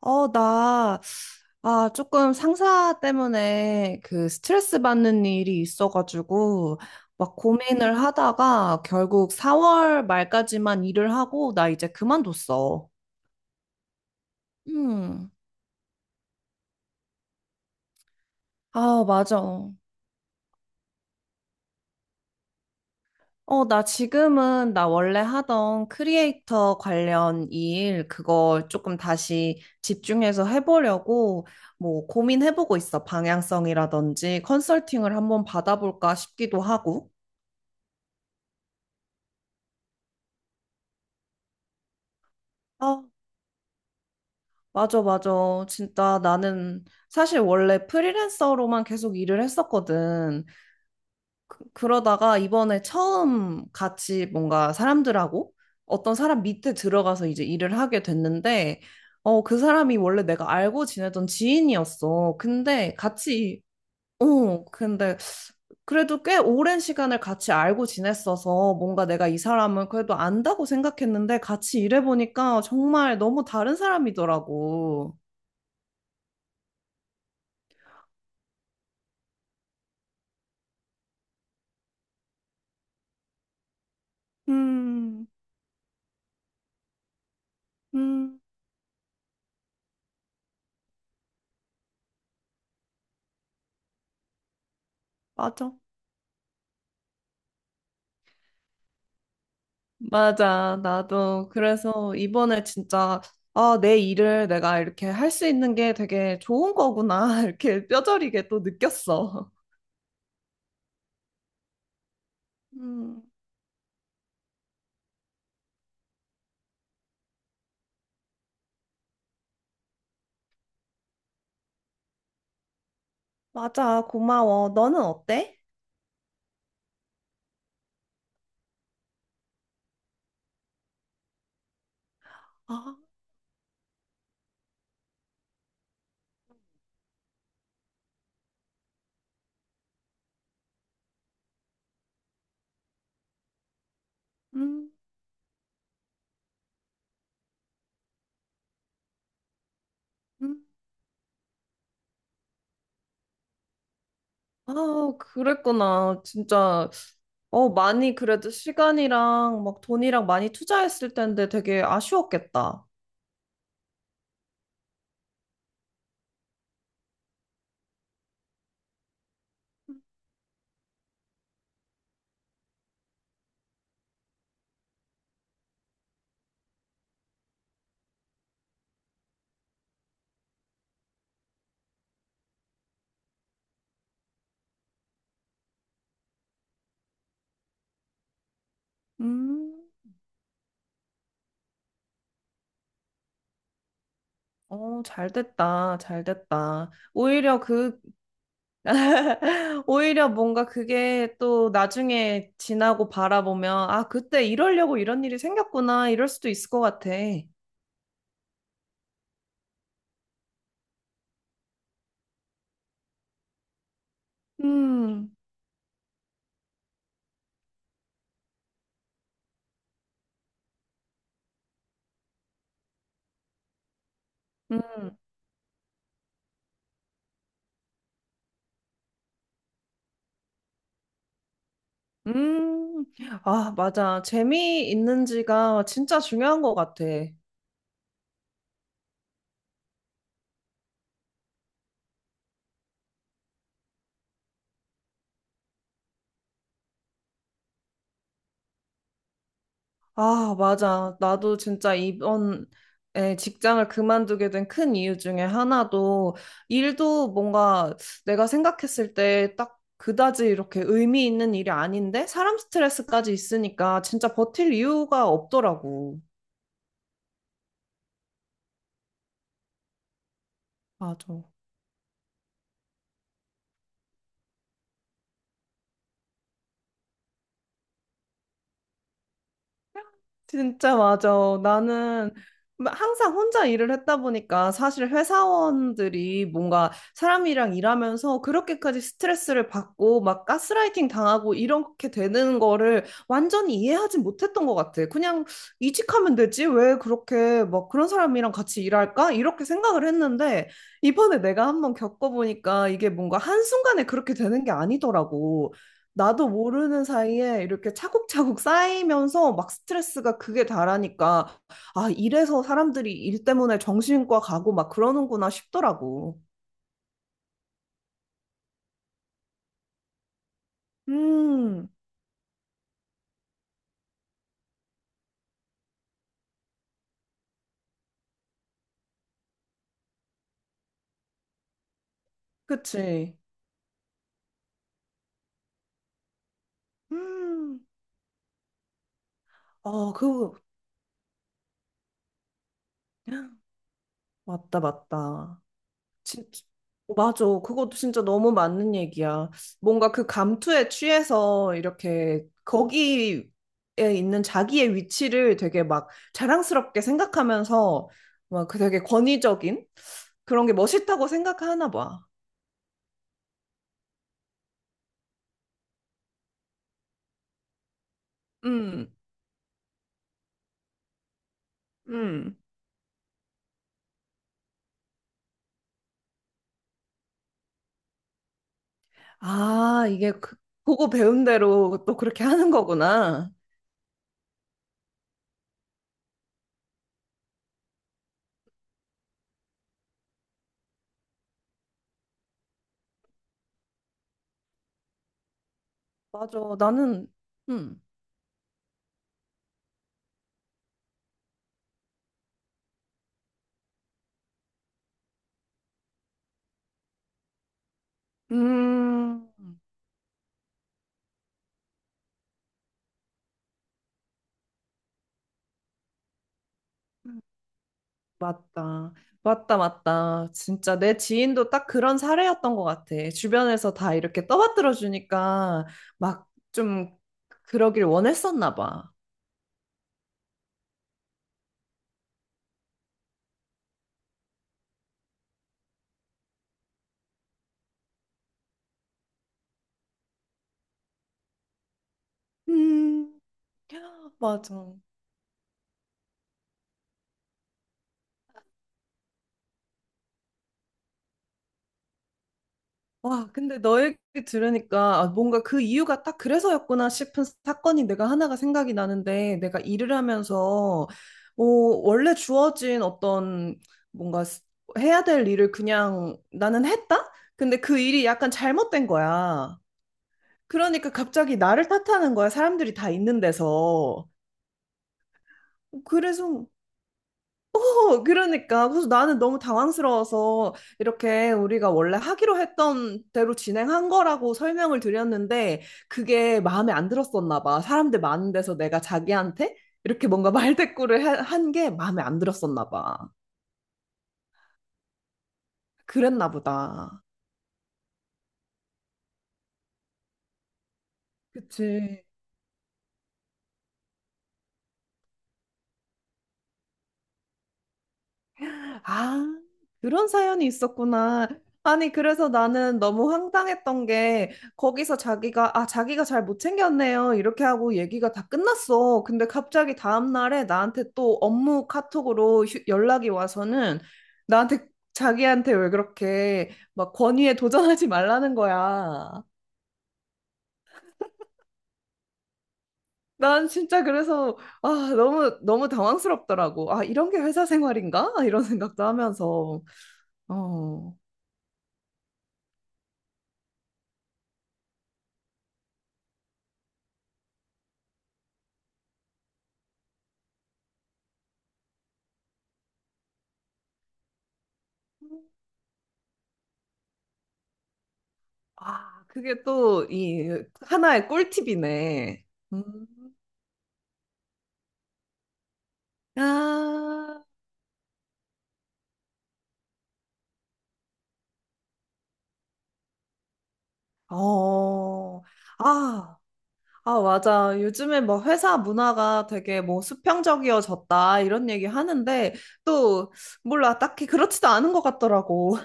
어, 나, 아, 조금 상사 때문에 그 스트레스 받는 일이 있어가지고, 막 고민을 하다가 결국 4월 말까지만 일을 하고, 나 이제 그만뒀어. 음. 아, 맞아. 어, 나 지금은 나 원래 하던 크리에이터 관련 일, 그걸 조금 다시 집중해서 해보려고, 뭐, 고민해보고 있어. 방향성이라든지 컨설팅을 한번 받아볼까 싶기도 하고. 맞아, 맞아. 진짜 나는 사실 원래 프리랜서로만 계속 일을 했었거든. 그, 러다가 이번에 처음 같이 뭔가 사람들하고 어떤 사람 밑에 들어가서 이제 일을 하게 됐는데, 어, 그 사람이 원래 내가 알고 지내던 지인이었어. 근데 같이, 어, 근데 그래도 꽤 오랜 시간을 같이 알고 지냈어서 뭔가 내가 이 사람은 그래도 안다고 생각했는데 같이 일해보니까 정말 너무 다른 사람이더라고. 음, 음, 맞아. 맞아. 나도 그래서 이번에 진짜 아, 내 일을 내가 이렇게 할 수 있는 게 되게 좋은 거구나. 이렇게 뼈저리게 또 느꼈어. 음, 맞아. 고마워. 너는 어때? 아, 음, 음. 아, 그랬구나. 진짜 어, 많이 그래도 시간이랑 막 돈이랑 많이 투자했을 텐데 되게 아쉬웠겠다. 음, 어, 잘 됐다. 잘 됐다. 오히려 그 오히려 뭔가 그게 또 나중에 지나고 바라보면, 아, 그때 이러려고 이런 일이 생겼구나, 이럴 수도 있을 것 같아. 음, 음, 음. 아, 맞아. 재미있는지가 진짜 중요한 것 같아. 아, 맞아. 나도 진짜 이번에 직장을 그만두게 된 큰 이유 중에 하나도 일도 뭔가 내가 생각했을 때 딱 그다지 이렇게 의미 있는 일이 아닌데 사람 스트레스까지 있으니까 진짜 버틸 이유가 없더라고. 맞아. 진짜 맞아. 나는 항상 혼자 일을 했다 보니까 사실 회사원들이 뭔가 사람이랑 일하면서 그렇게까지 스트레스를 받고 막 가스라이팅 당하고 이렇게 되는 거를 완전히 이해하지 못했던 것 같아. 그냥 이직하면 되지? 왜 그렇게 막 그런 사람이랑 같이 일할까? 이렇게 생각을 했는데 이번에 내가 한번 겪어보니까 이게 뭔가 한순간에 그렇게 되는 게 아니더라고. 나도 모르는 사이에 이렇게 차곡차곡 쌓이면서 막 스트레스가 그게 다라니까, 아, 이래서 사람들이 일 때문에 정신과 가고 막 그러는구나 싶더라고. 음, 그치. 음, 아, 그, 맞다, 맞다. 진짜 맞아. 그것도 진짜 너무 맞는 얘기야. 뭔가 그 감투에 취해서 이렇게 거기에 있는 자기의 위치를 되게 막 자랑스럽게 생각하면서 막 그 되게 권위적인 그런 게 멋있다고 생각하나 봐. 음, 음. 아, 이게 그, 보고 배운 대로 또 그렇게 하는 거구나. 맞아. 나는 음. 음. 맞다. 맞다, 맞다. 진짜 내 지인도 딱 그런 사례였던 것 같아. 주변에서 다 이렇게 떠받들어 주니까 막 좀 그러길 원했었나 봐. 음, 맞아. 와, 근데 너 얘기 들으니까 아, 뭔가 그 이유가 딱 그래서였구나 싶은 사건이 내가 하나가 생각이 나는데 내가 일을 하면서 어, 원래 주어진 어떤 뭔가 해야 될 일을 그냥 나는 했다? 근데 그 일이 약간 잘못된 거야. 그러니까 갑자기 나를 탓하는 거야. 사람들이 다 있는 데서. 그래서, 어, 그러니까. 그래서 나는 너무 당황스러워서 이렇게 우리가 원래 하기로 했던 대로 진행한 거라고 설명을 드렸는데 그게 마음에 안 들었었나 봐. 사람들 많은 데서 내가 자기한테 이렇게 뭔가 말대꾸를 한 게 마음에 안 들었었나 봐. 그랬나 보다. 그치. 아, 그런 사연이 있었구나. 아니, 그래서 나는 너무 황당했던 게, 거기서 자기가, 아, 자기가 잘 못 챙겼네요. 이렇게 하고 얘기가 다 끝났어. 근데 갑자기 다음날에 나한테 또 업무 카톡으로 연락이 와서는 나한테, 자기한테 왜 그렇게 막 권위에 도전하지 말라는 거야. 난 진짜 그래서, 아, 너무, 너무 당황스럽더라고. 아, 이런 게 회사 생활인가? 이런 생각도 하면서. 어. 아, 그게 또 이 하나의 꿀팁이네. 음. 아, 어, 아, 아, 맞아. 요즘에 뭐 회사 문화가 되게 뭐 수평적이어졌다 이런 얘기 하는데 또 몰라 딱히 그렇지도 않은 것 같더라고.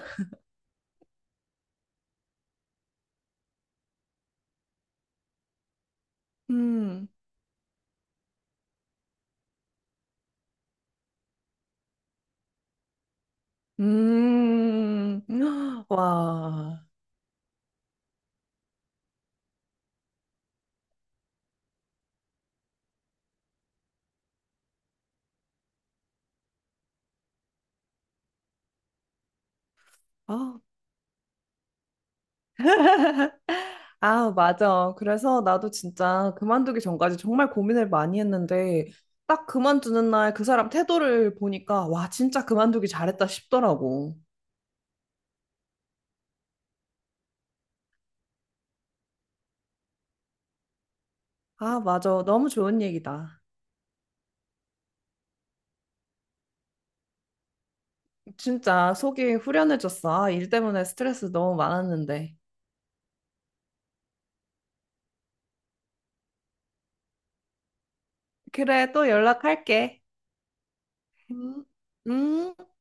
음, 음, 와, 아, 아, 맞아. 그래서 나도 진짜 그만두기 전까지 정말 고민을 많이 했는데, 딱 그만두는 날 그 사람 태도를 보니까, 와, 진짜 그만두기 잘했다 싶더라고. 아, 맞아. 너무 좋은 얘기다. 진짜 속이 후련해졌어. 아, 일 때문에 스트레스 너무 많았는데. 그래, 또 연락할게. 음. 음.